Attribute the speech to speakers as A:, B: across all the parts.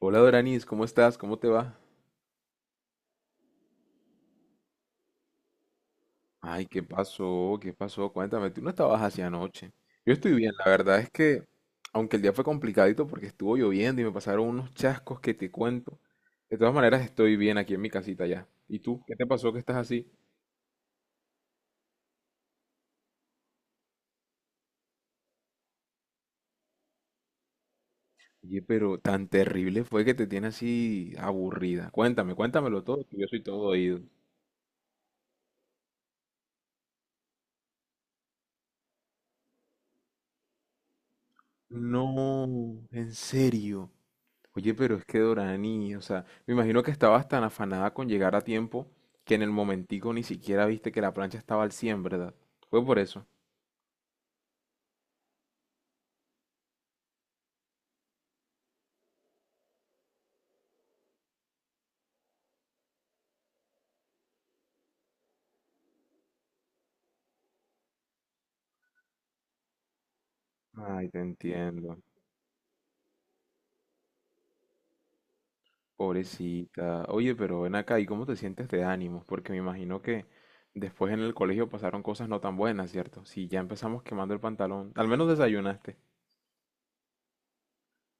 A: Hola Doranis, ¿cómo estás? ¿Cómo te va? Ay, ¿qué pasó? ¿Qué pasó? Cuéntame, tú no estabas así anoche. Yo estoy bien, la verdad es que, aunque el día fue complicadito porque estuvo lloviendo y me pasaron unos chascos que te cuento, de todas maneras estoy bien aquí en mi casita ya. ¿Y tú? ¿Qué te pasó que estás así? Oye, pero tan terrible fue que te tiene así aburrida. Cuéntame, cuéntamelo todo, que yo soy todo oído. No, en serio. Oye, pero es que Dorani, o sea, me imagino que estabas tan afanada con llegar a tiempo que en el momentico ni siquiera viste que la plancha estaba al 100, ¿verdad? Fue por eso. Ay, te entiendo. Pobrecita. Oye, pero ven acá, ¿y cómo te sientes de ánimos? Porque me imagino que después en el colegio pasaron cosas no tan buenas, ¿cierto? Si ya empezamos quemando el pantalón, al menos desayunaste.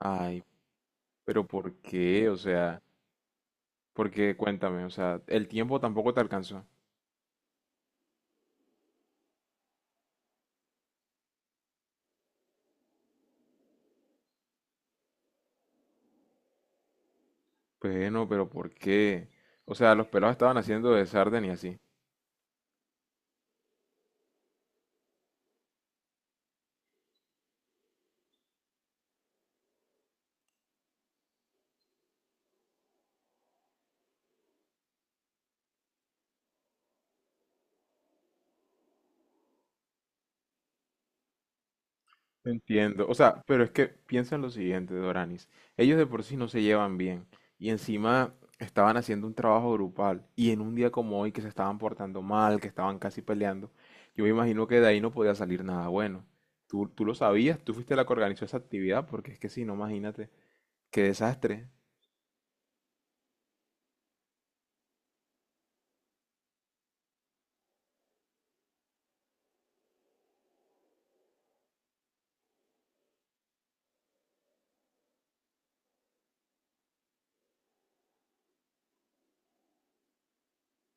A: Ay, pero ¿por qué? O sea, porque cuéntame, o sea, el tiempo tampoco te alcanzó. Bueno, pero ¿por qué? O sea, los pelados estaban haciendo de sarden y así. No entiendo. O sea, pero es que piensa en lo siguiente, Doranis. Ellos de por sí no se llevan bien. Y encima estaban haciendo un trabajo grupal. Y en un día como hoy que se estaban portando mal, que estaban casi peleando, yo me imagino que de ahí no podía salir nada bueno. Tú lo sabías, tú fuiste la que organizó esa actividad, porque es que si no, imagínate, qué desastre.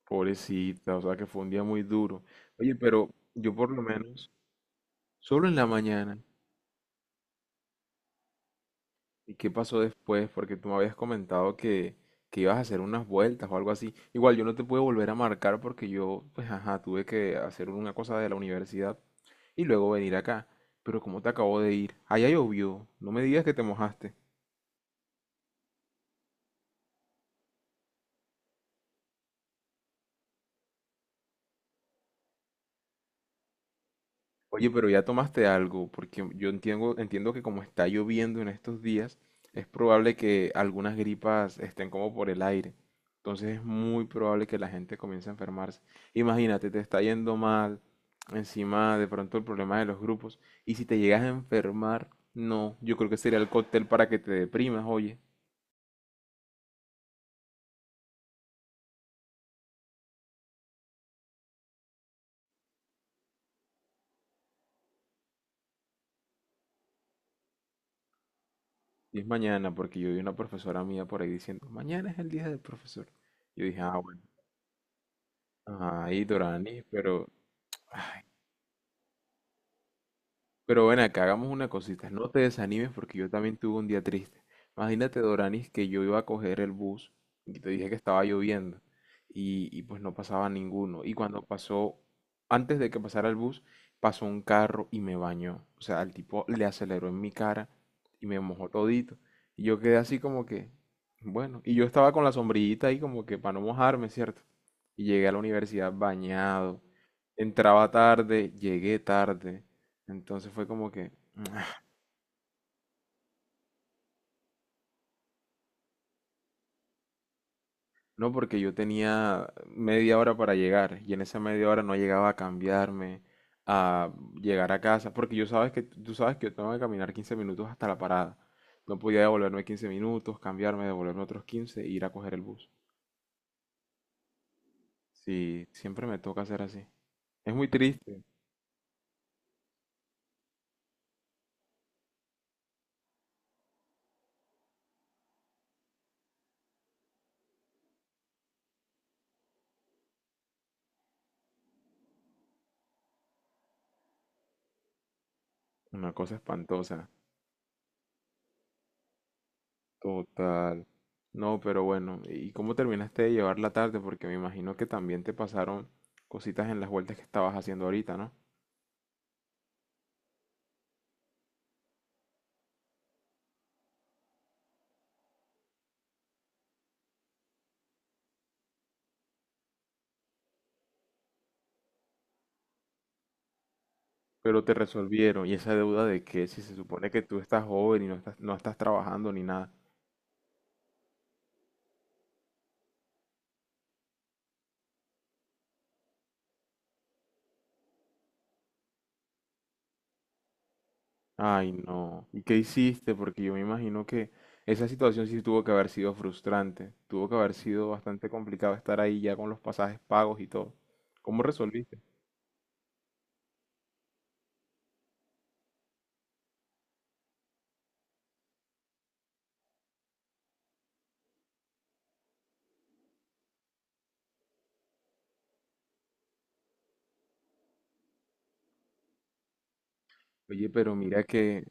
A: Pobrecita, o sea que fue un día muy duro. Oye, pero yo por lo menos, solo en la mañana. ¿Y qué pasó después? Porque tú me habías comentado que ibas a hacer unas vueltas o algo así. Igual yo no te pude volver a marcar porque yo, pues ajá, tuve que hacer una cosa de la universidad y luego venir acá. Pero ¿cómo te acabo de ir? Allá llovió. No me digas que te mojaste. Oye, pero ya tomaste algo, porque yo entiendo, entiendo que como está lloviendo en estos días, es probable que algunas gripas estén como por el aire. Entonces es muy probable que la gente comience a enfermarse. Imagínate, te está yendo mal, encima de pronto el problema de los grupos, y si te llegas a enfermar, no, yo creo que sería el cóctel para que te deprimas, oye. Y es mañana, porque yo vi una profesora mía por ahí diciendo, mañana es el día del profesor. Yo dije, ah, bueno, ay, Dorani, pero... Pero ven acá, hagamos una cosita. No te desanimes porque yo también tuve un día triste. Imagínate, Doranis, que yo iba a coger el bus y te dije que estaba lloviendo y pues no pasaba ninguno. Y cuando pasó, antes de que pasara el bus, pasó un carro y me bañó. O sea, el tipo le aceleró en mi cara y me mojó todito. Y yo quedé así como que, bueno, y yo estaba con la sombrillita ahí como que para no mojarme, ¿cierto? Y llegué a la universidad bañado. Entraba tarde, llegué tarde. Entonces fue como que, "Mm, no, porque yo tenía media hora para llegar y en esa media hora no llegaba a cambiarme, a llegar a casa, porque yo sabes que tú sabes que yo tengo que caminar 15 minutos hasta la parada. No podía devolverme 15 minutos, cambiarme, devolverme otros 15 e ir a coger el bus. Sí, siempre me toca hacer así. Es muy triste, una cosa espantosa. Total. No, pero bueno, ¿y cómo terminaste de llevar la tarde? Porque me imagino que también te pasaron cositas en las vueltas que estabas haciendo ahorita, ¿no? Pero te resolvieron. ¿Y esa deuda de qué? Si se supone que tú estás joven y no estás trabajando ni nada. Ay, no. ¿Y qué hiciste? Porque yo me imagino que esa situación sí tuvo que haber sido frustrante. Tuvo que haber sido bastante complicado estar ahí ya con los pasajes pagos y todo. ¿Cómo resolviste? Oye, pero mira que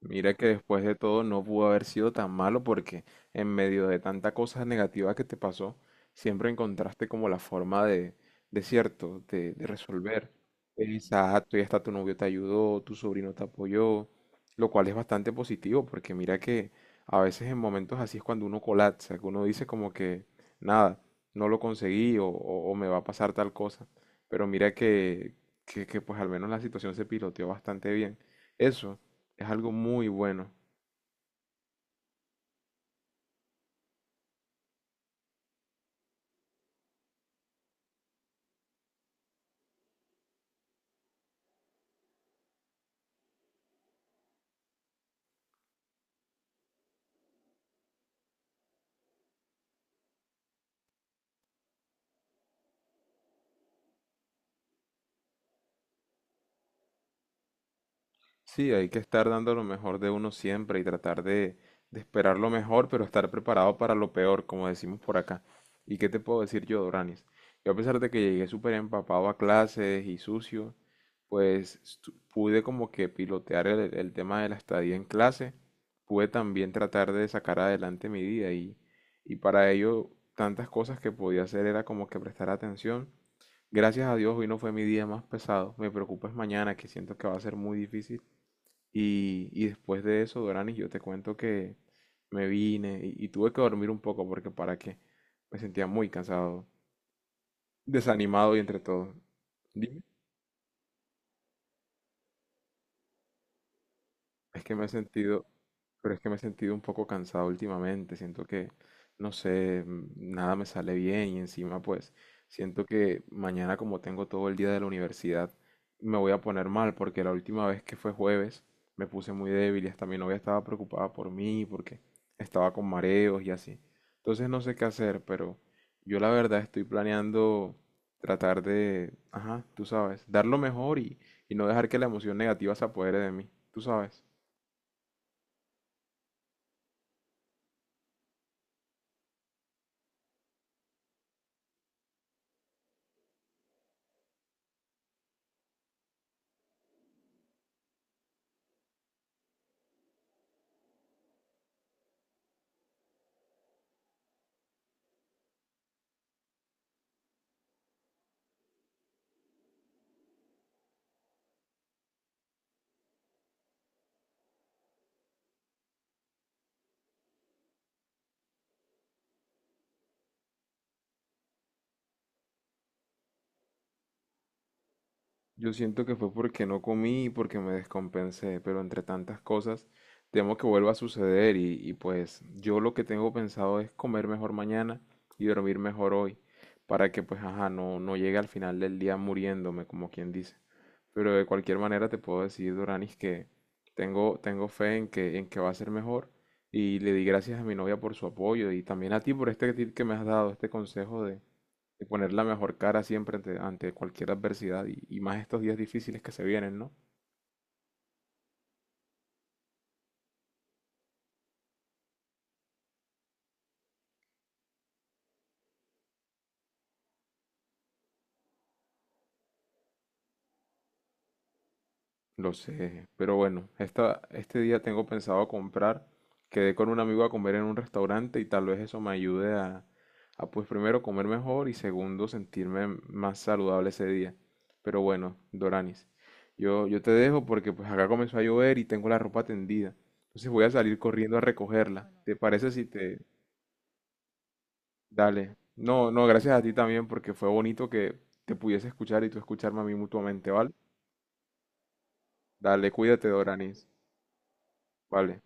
A: mira que después de todo no pudo haber sido tan malo porque en medio de tanta cosa negativa que te pasó, siempre encontraste como la forma de cierto, de resolver. Exacto, y hasta tu novio te ayudó, tu sobrino te apoyó, lo cual es bastante positivo porque mira que a veces en momentos así es cuando uno colapsa, que uno dice como que nada, no lo conseguí o me va a pasar tal cosa. Pero mira que pues al menos la situación se piloteó bastante bien. Eso, es algo muy bueno. Sí, hay que estar dando lo mejor de uno siempre y tratar de esperar lo mejor, pero estar preparado para lo peor, como decimos por acá. ¿Y qué te puedo decir yo, Doranis? Yo a pesar de que llegué súper empapado a clases y sucio, pues pude como que pilotear el tema de la estadía en clase, pude también tratar de sacar adelante mi día y para ello tantas cosas que podía hacer era como que prestar atención. Gracias a Dios, hoy no fue mi día más pesado. Me preocupa es mañana, que siento que va a ser muy difícil. Y después de eso, Doranis, yo te cuento que me vine y tuve que dormir un poco porque para qué. Me sentía muy cansado, desanimado y entre todo. Dime. Es que me he sentido, pero es que me he sentido un poco cansado últimamente. Siento que, no sé, nada me sale bien y encima pues siento que mañana como tengo todo el día de la universidad me voy a poner mal porque la última vez que fue jueves me puse muy débil y hasta mi novia estaba preocupada por mí porque estaba con mareos y así. Entonces no sé qué hacer, pero yo la verdad estoy planeando tratar de, ajá, tú sabes, dar lo mejor y no dejar que la emoción negativa se apodere de mí, tú sabes. Yo siento que fue porque no comí y porque me descompensé, pero entre tantas cosas temo que vuelva a suceder y pues yo lo que tengo pensado es comer mejor mañana y dormir mejor hoy para que pues ajá, no llegue al final del día muriéndome como quien dice. Pero de cualquier manera te puedo decir, Doranis, que tengo fe en que va a ser mejor y le di gracias a mi novia por su apoyo y también a ti por este tip que me has dado, este consejo de y poner la mejor cara siempre ante cualquier adversidad y más estos días difíciles que se vienen, ¿no? Lo sé, pero bueno, este día tengo pensado comprar, quedé con un amigo a comer en un restaurante y tal vez eso me ayude a pues primero comer mejor y segundo sentirme más saludable ese día. Pero bueno, Doranis, yo te dejo porque pues acá comenzó a llover y tengo la ropa tendida. Entonces voy a salir corriendo a recogerla. ¿Te parece si te, dale. No, no, gracias a ti también porque fue bonito que te pudiese escuchar y tú escucharme a mí mutuamente, ¿vale? Dale, cuídate, Doranis. Vale.